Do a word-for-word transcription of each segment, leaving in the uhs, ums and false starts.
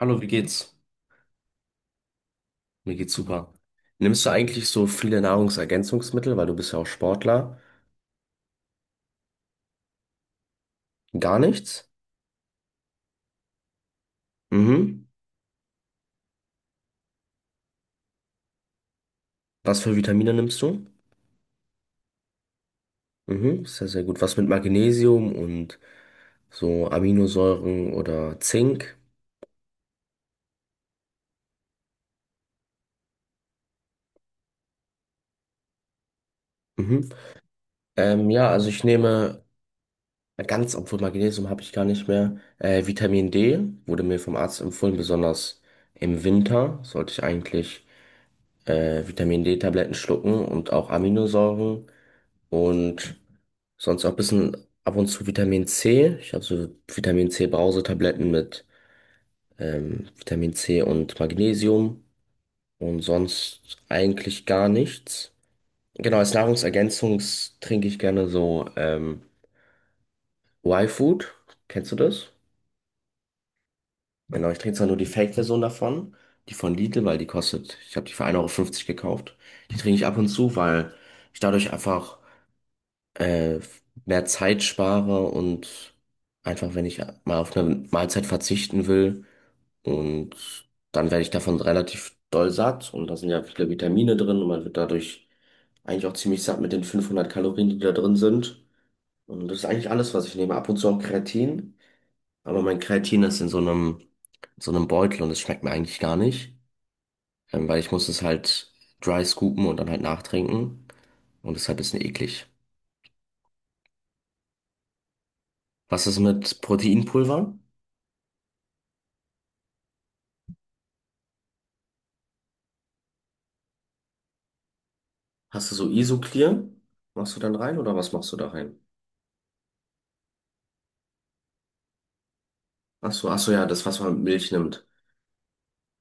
Hallo, wie geht's? Mir geht's super. Nimmst du eigentlich so viele Nahrungsergänzungsmittel, weil du bist ja auch Sportler? Gar nichts? Mhm. Was für Vitamine nimmst du? Mhm, sehr, sehr gut. Was mit Magnesium und so Aminosäuren oder Zink? Mhm. Ähm, ja, also ich nehme ganz, obwohl Magnesium habe ich gar nicht mehr. Äh, Vitamin D wurde mir vom Arzt empfohlen, besonders im Winter sollte ich eigentlich äh, Vitamin D-Tabletten schlucken und auch Aminosäuren. Und sonst auch ein bisschen ab und zu Vitamin C. Ich habe so Vitamin C-Brausetabletten mit ähm, Vitamin C und Magnesium und sonst eigentlich gar nichts. Genau, als Nahrungsergänzung trinke ich gerne so ähm, Y-Food. Kennst du das? Genau, ich trinke zwar nur die Fake-Version davon, die von Lidl, weil die kostet, ich habe die für 1,50 Euro fünfzig gekauft. Die trinke ich ab und zu, weil ich dadurch einfach äh, mehr Zeit spare und einfach, wenn ich mal auf eine Mahlzeit verzichten will und dann werde ich davon relativ doll satt und da sind ja viele Vitamine drin und man wird dadurch eigentlich auch ziemlich satt mit den fünfhundert Kalorien, die da drin sind. Und das ist eigentlich alles, was ich nehme. Ab und zu auch Kreatin, aber mein Kreatin ist in so einem, so einem Beutel und es schmeckt mir eigentlich gar nicht, ähm, weil ich muss es halt dry scoopen und dann halt nachtrinken und deshalb ist es eklig. Was ist mit Proteinpulver? Hast du so Isoclear? Machst du dann rein oder was machst du da rein? Ach so, ach so, ja, das, was man mit Milch nimmt.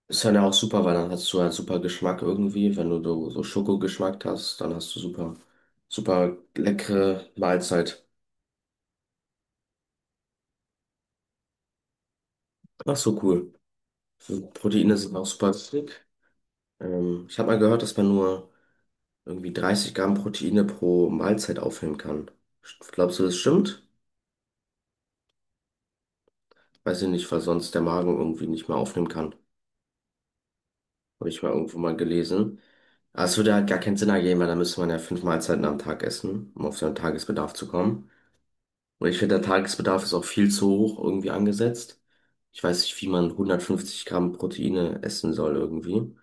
Ist dann ja auch super, weil dann hast du halt super Geschmack irgendwie. Wenn du so so Schokogeschmack hast, dann hast du super, super leckere Mahlzeit. Ach so, cool. So Proteine sind auch super wichtig. Ähm, ich habe mal gehört, dass man nur irgendwie dreißig Gramm Proteine pro Mahlzeit aufnehmen kann. Glaubst du, das stimmt? Weiß ich nicht, weil sonst der Magen irgendwie nicht mehr aufnehmen kann. Habe ich mal irgendwo mal gelesen. Aber es würde halt gar keinen Sinn ergeben, weil da müsste man ja fünf Mahlzeiten am Tag essen, um auf seinen Tagesbedarf zu kommen. Und ich finde, der Tagesbedarf ist auch viel zu hoch irgendwie angesetzt. Ich weiß nicht, wie man hundertfünfzig Gramm Proteine essen soll irgendwie.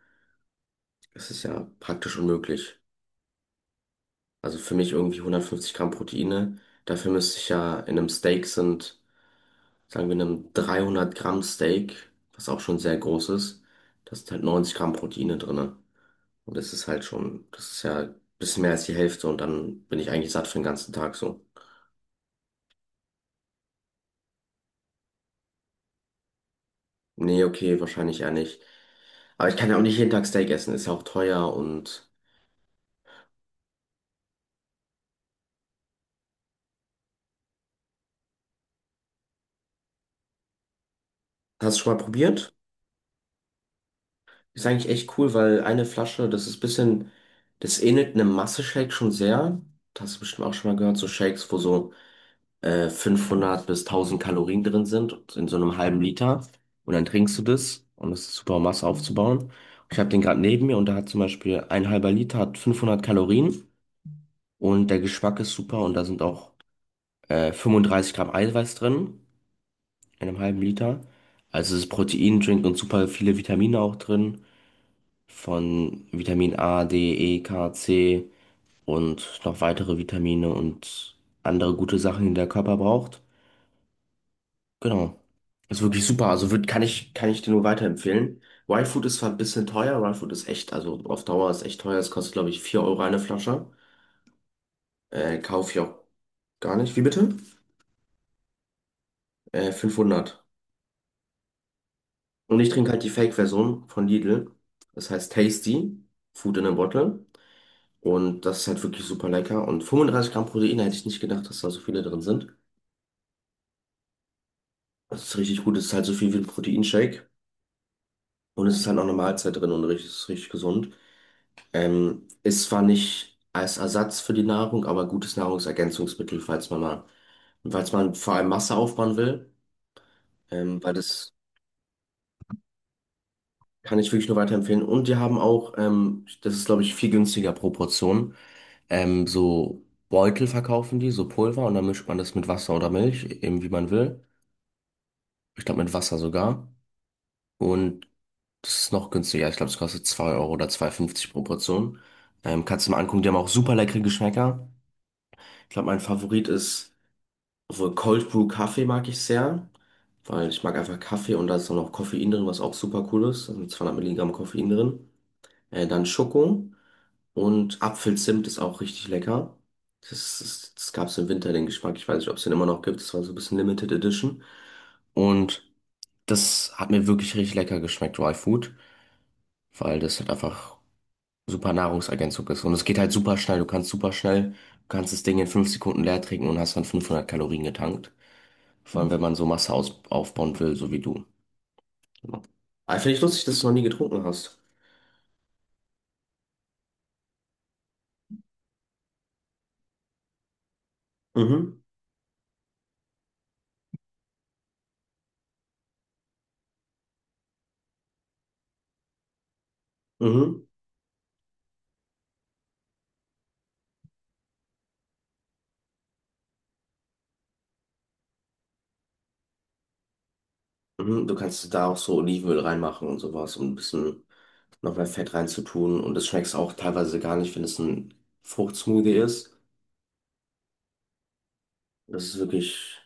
Das ist ja praktisch unmöglich. Also für mich irgendwie hundertfünfzig Gramm Proteine. Dafür müsste ich ja in einem Steak sind, sagen wir in einem dreihundert Gramm Steak, was auch schon sehr groß ist, da sind halt neunzig Gramm Proteine drinne. Und das ist halt schon, das ist ja ein bisschen mehr als die Hälfte und dann bin ich eigentlich satt für den ganzen Tag so. Nee, okay, wahrscheinlich eher nicht. Aber ich kann ja auch nicht jeden Tag Steak essen, ist ja auch teuer und. Hast du schon mal probiert? Ist eigentlich echt cool, weil eine Flasche, das ist ein bisschen, das ähnelt einem Masse-Shake schon sehr. Das hast du bestimmt auch schon mal gehört, so Shakes, wo so äh, fünfhundert bis tausend Kalorien drin sind, in so einem halben Liter. Und dann trinkst du das und das ist super, um Masse aufzubauen. Ich habe den gerade neben mir und da hat zum Beispiel ein halber Liter hat fünfhundert Kalorien. Und der Geschmack ist super und da sind auch äh, fünfunddreißig Gramm Eiweiß drin in einem halben Liter. Also es ist Proteindrink und super viele Vitamine auch drin. Von Vitamin A, D, E, K, C und noch weitere Vitamine und andere gute Sachen, die der Körper braucht. Genau. Ist wirklich super. Also wird, kann ich, kann ich dir nur weiterempfehlen. Wild Food ist zwar ein bisschen teuer, Wild Food ist echt, also auf Dauer ist echt teuer. Es kostet, glaube ich, vier Euro eine Flasche. Äh, kaufe ich auch gar nicht. Wie bitte? Äh, fünfhundert. Und ich trinke halt die Fake-Version von Lidl. Das heißt Tasty, Food in a Bottle. Und das ist halt wirklich super lecker. Und fünfunddreißig Gramm Protein hätte ich nicht gedacht, dass da so viele drin sind. Das ist richtig gut. Es ist halt so viel wie ein Proteinshake. Und es ist halt auch eine Mahlzeit drin und richtig, ist richtig gesund. Ähm, ist zwar nicht als Ersatz für die Nahrung, aber gutes Nahrungsergänzungsmittel, falls man mal, falls man vor allem Masse aufbauen will. Ähm, weil das kann ich wirklich nur weiterempfehlen. Und die haben auch, ähm, das ist, glaube ich, viel günstiger pro Portion. Ähm, so Beutel verkaufen die, so Pulver, und dann mischt man das mit Wasser oder Milch, eben wie man will. Ich glaube, mit Wasser sogar. Und das ist noch günstiger. Ich glaube, es kostet zwei Euro oder zwei Euro fünfzig pro Portion. Ähm, kannst du mal angucken, die haben auch super leckere Geschmäcker. Ich glaube, mein Favorit ist, obwohl Cold Brew Kaffee mag ich sehr, weil ich mag einfach Kaffee und da ist dann noch Koffein drin, was auch super cool ist. Da sind zweihundert Milligramm Koffein drin. Äh, dann Schoko. Und Apfelzimt ist auch richtig lecker. Das, ist- das gab es im Winter, den Geschmack. Ich weiß nicht, ob es den immer noch gibt. Das war so ein bisschen Limited Edition. Und das hat mir wirklich richtig lecker geschmeckt, Dry Food, weil das halt einfach super Nahrungsergänzung ist. Und es geht halt super schnell. Du kannst super schnell, du kannst das Ding in fünf Sekunden leer trinken und hast dann fünfhundert Kalorien getankt. Vor allem, wenn man so Masse aus, aufbauen will, so wie du. Ja. Aber finde ich lustig, dass du noch nie getrunken hast. Mhm, mhm. Mhm, du kannst da auch so Olivenöl reinmachen und sowas, um ein bisschen noch mehr Fett reinzutun. Und das schmeckst auch teilweise gar nicht, wenn es ein Fruchtsmoothie ist. Das ist wirklich.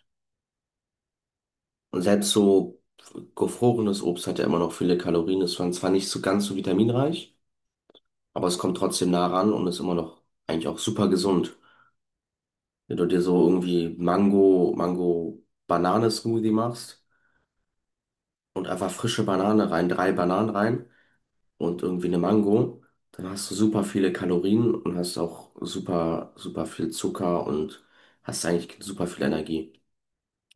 Und selbst so gefrorenes Obst hat ja immer noch viele Kalorien. Ist zwar zwar nicht so ganz so vitaminreich, aber es kommt trotzdem nah ran und ist immer noch eigentlich auch super gesund. Wenn du dir so irgendwie Mango, Mango-Banane-Smoothie machst und einfach frische Banane rein, drei Bananen rein. Und irgendwie eine Mango, dann hast du super viele Kalorien und hast auch super, super viel Zucker und hast eigentlich super viel Energie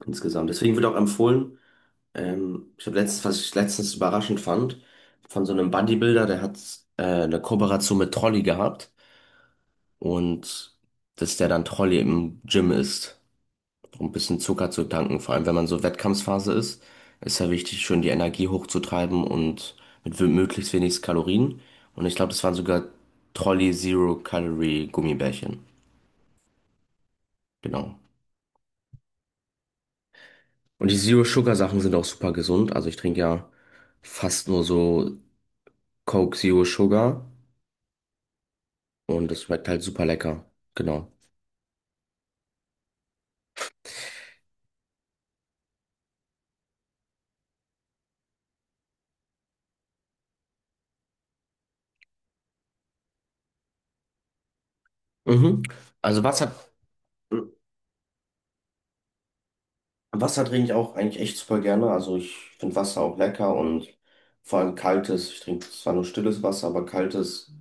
insgesamt. Deswegen wird auch empfohlen, ähm, ich habe letztens, was ich letztens überraschend fand, von so einem Bodybuilder, der hat äh, eine Kooperation mit Trolli gehabt und dass der dann Trolli im Gym isst um ein bisschen Zucker zu tanken. Vor allem, wenn man so Wettkampfphase ist, ist ja wichtig, schön die Energie hochzutreiben und mit wi- möglichst wenig Kalorien. Und ich glaube, das waren sogar Trolli Zero Calorie Gummibärchen. Genau. Und die Zero Sugar Sachen sind auch super gesund. Also ich trinke ja fast nur so Coke Zero Sugar und das schmeckt halt super lecker. Genau. Mhm. Also was hat. Wasser trinke ich auch eigentlich echt super gerne. Also ich finde Wasser auch lecker und vor allem kaltes. Ich trinke zwar nur stilles Wasser, aber kaltes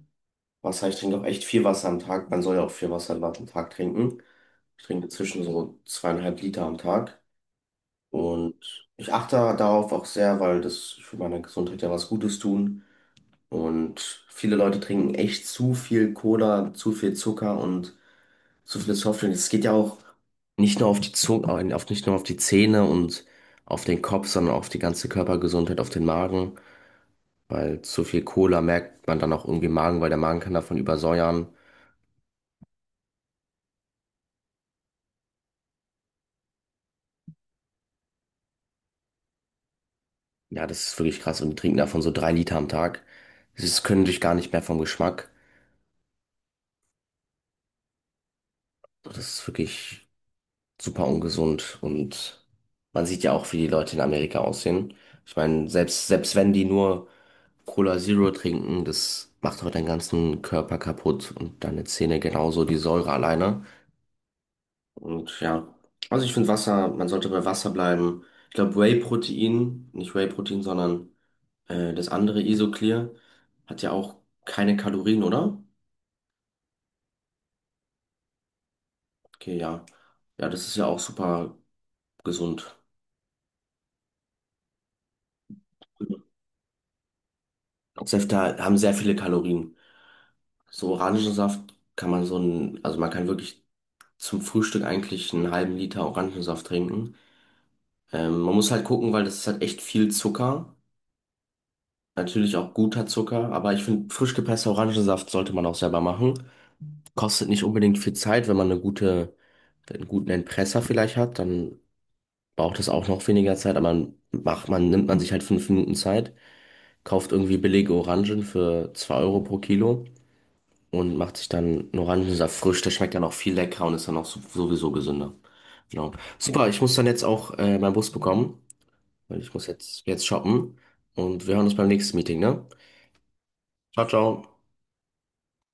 Wasser. Ich trinke auch echt viel Wasser am Tag. Man soll ja auch viel Wasser am Tag trinken. Ich trinke zwischen so zweieinhalb Liter am Tag. Und ich achte darauf auch sehr, weil das für meine Gesundheit ja was Gutes tun. Und viele Leute trinken echt zu viel Cola, zu viel Zucker und so viele Softdrinks. Es geht ja auch nicht nur auf die Zunge, auf, nicht nur auf die Zähne und auf den Kopf, sondern auch auf die ganze Körpergesundheit, auf den Magen. Weil zu viel Cola merkt man dann auch irgendwie im Magen, weil der Magen kann davon übersäuern. Ja, das ist wirklich krass. Und die trinken davon so drei Liter am Tag. Das können sich gar nicht mehr vom Geschmack. Das ist wirklich super ungesund. Und man sieht ja auch, wie die Leute in Amerika aussehen. Ich meine, selbst, selbst wenn die nur Cola Zero trinken, das macht auch deinen ganzen Körper kaputt und deine Zähne genauso, die Säure alleine. Und ja, also ich finde Wasser, man sollte bei Wasser bleiben. Ich glaube Whey-Protein, nicht Whey-Protein, sondern äh, das andere Isoclear, hat ja auch keine Kalorien, oder? Okay, ja. Ja, das ist ja auch super gesund. Und Säfte haben sehr viele Kalorien. So Orangensaft kann man so ein, also man kann wirklich zum Frühstück eigentlich einen halben Liter Orangensaft trinken. Ähm, man muss halt gucken, weil das ist halt echt viel Zucker. Natürlich auch guter Zucker, aber ich finde, frisch gepresster Orangensaft sollte man auch selber machen. Kostet nicht unbedingt viel Zeit, wenn man eine gute, einen guten Entpresser vielleicht hat, dann braucht es auch noch weniger Zeit, aber man macht, man nimmt man sich halt fünf Minuten Zeit, kauft irgendwie billige Orangen für zwei Euro pro Kilo und macht sich dann einen Orangensaft frisch. Der schmeckt dann auch viel leckerer und ist dann auch so- sowieso gesünder. Genau. Super, ich muss dann jetzt auch äh, meinen Bus bekommen. Weil ich muss jetzt, jetzt shoppen. Und wir hören uns beim nächsten Meeting, ne? Ciao, ciao.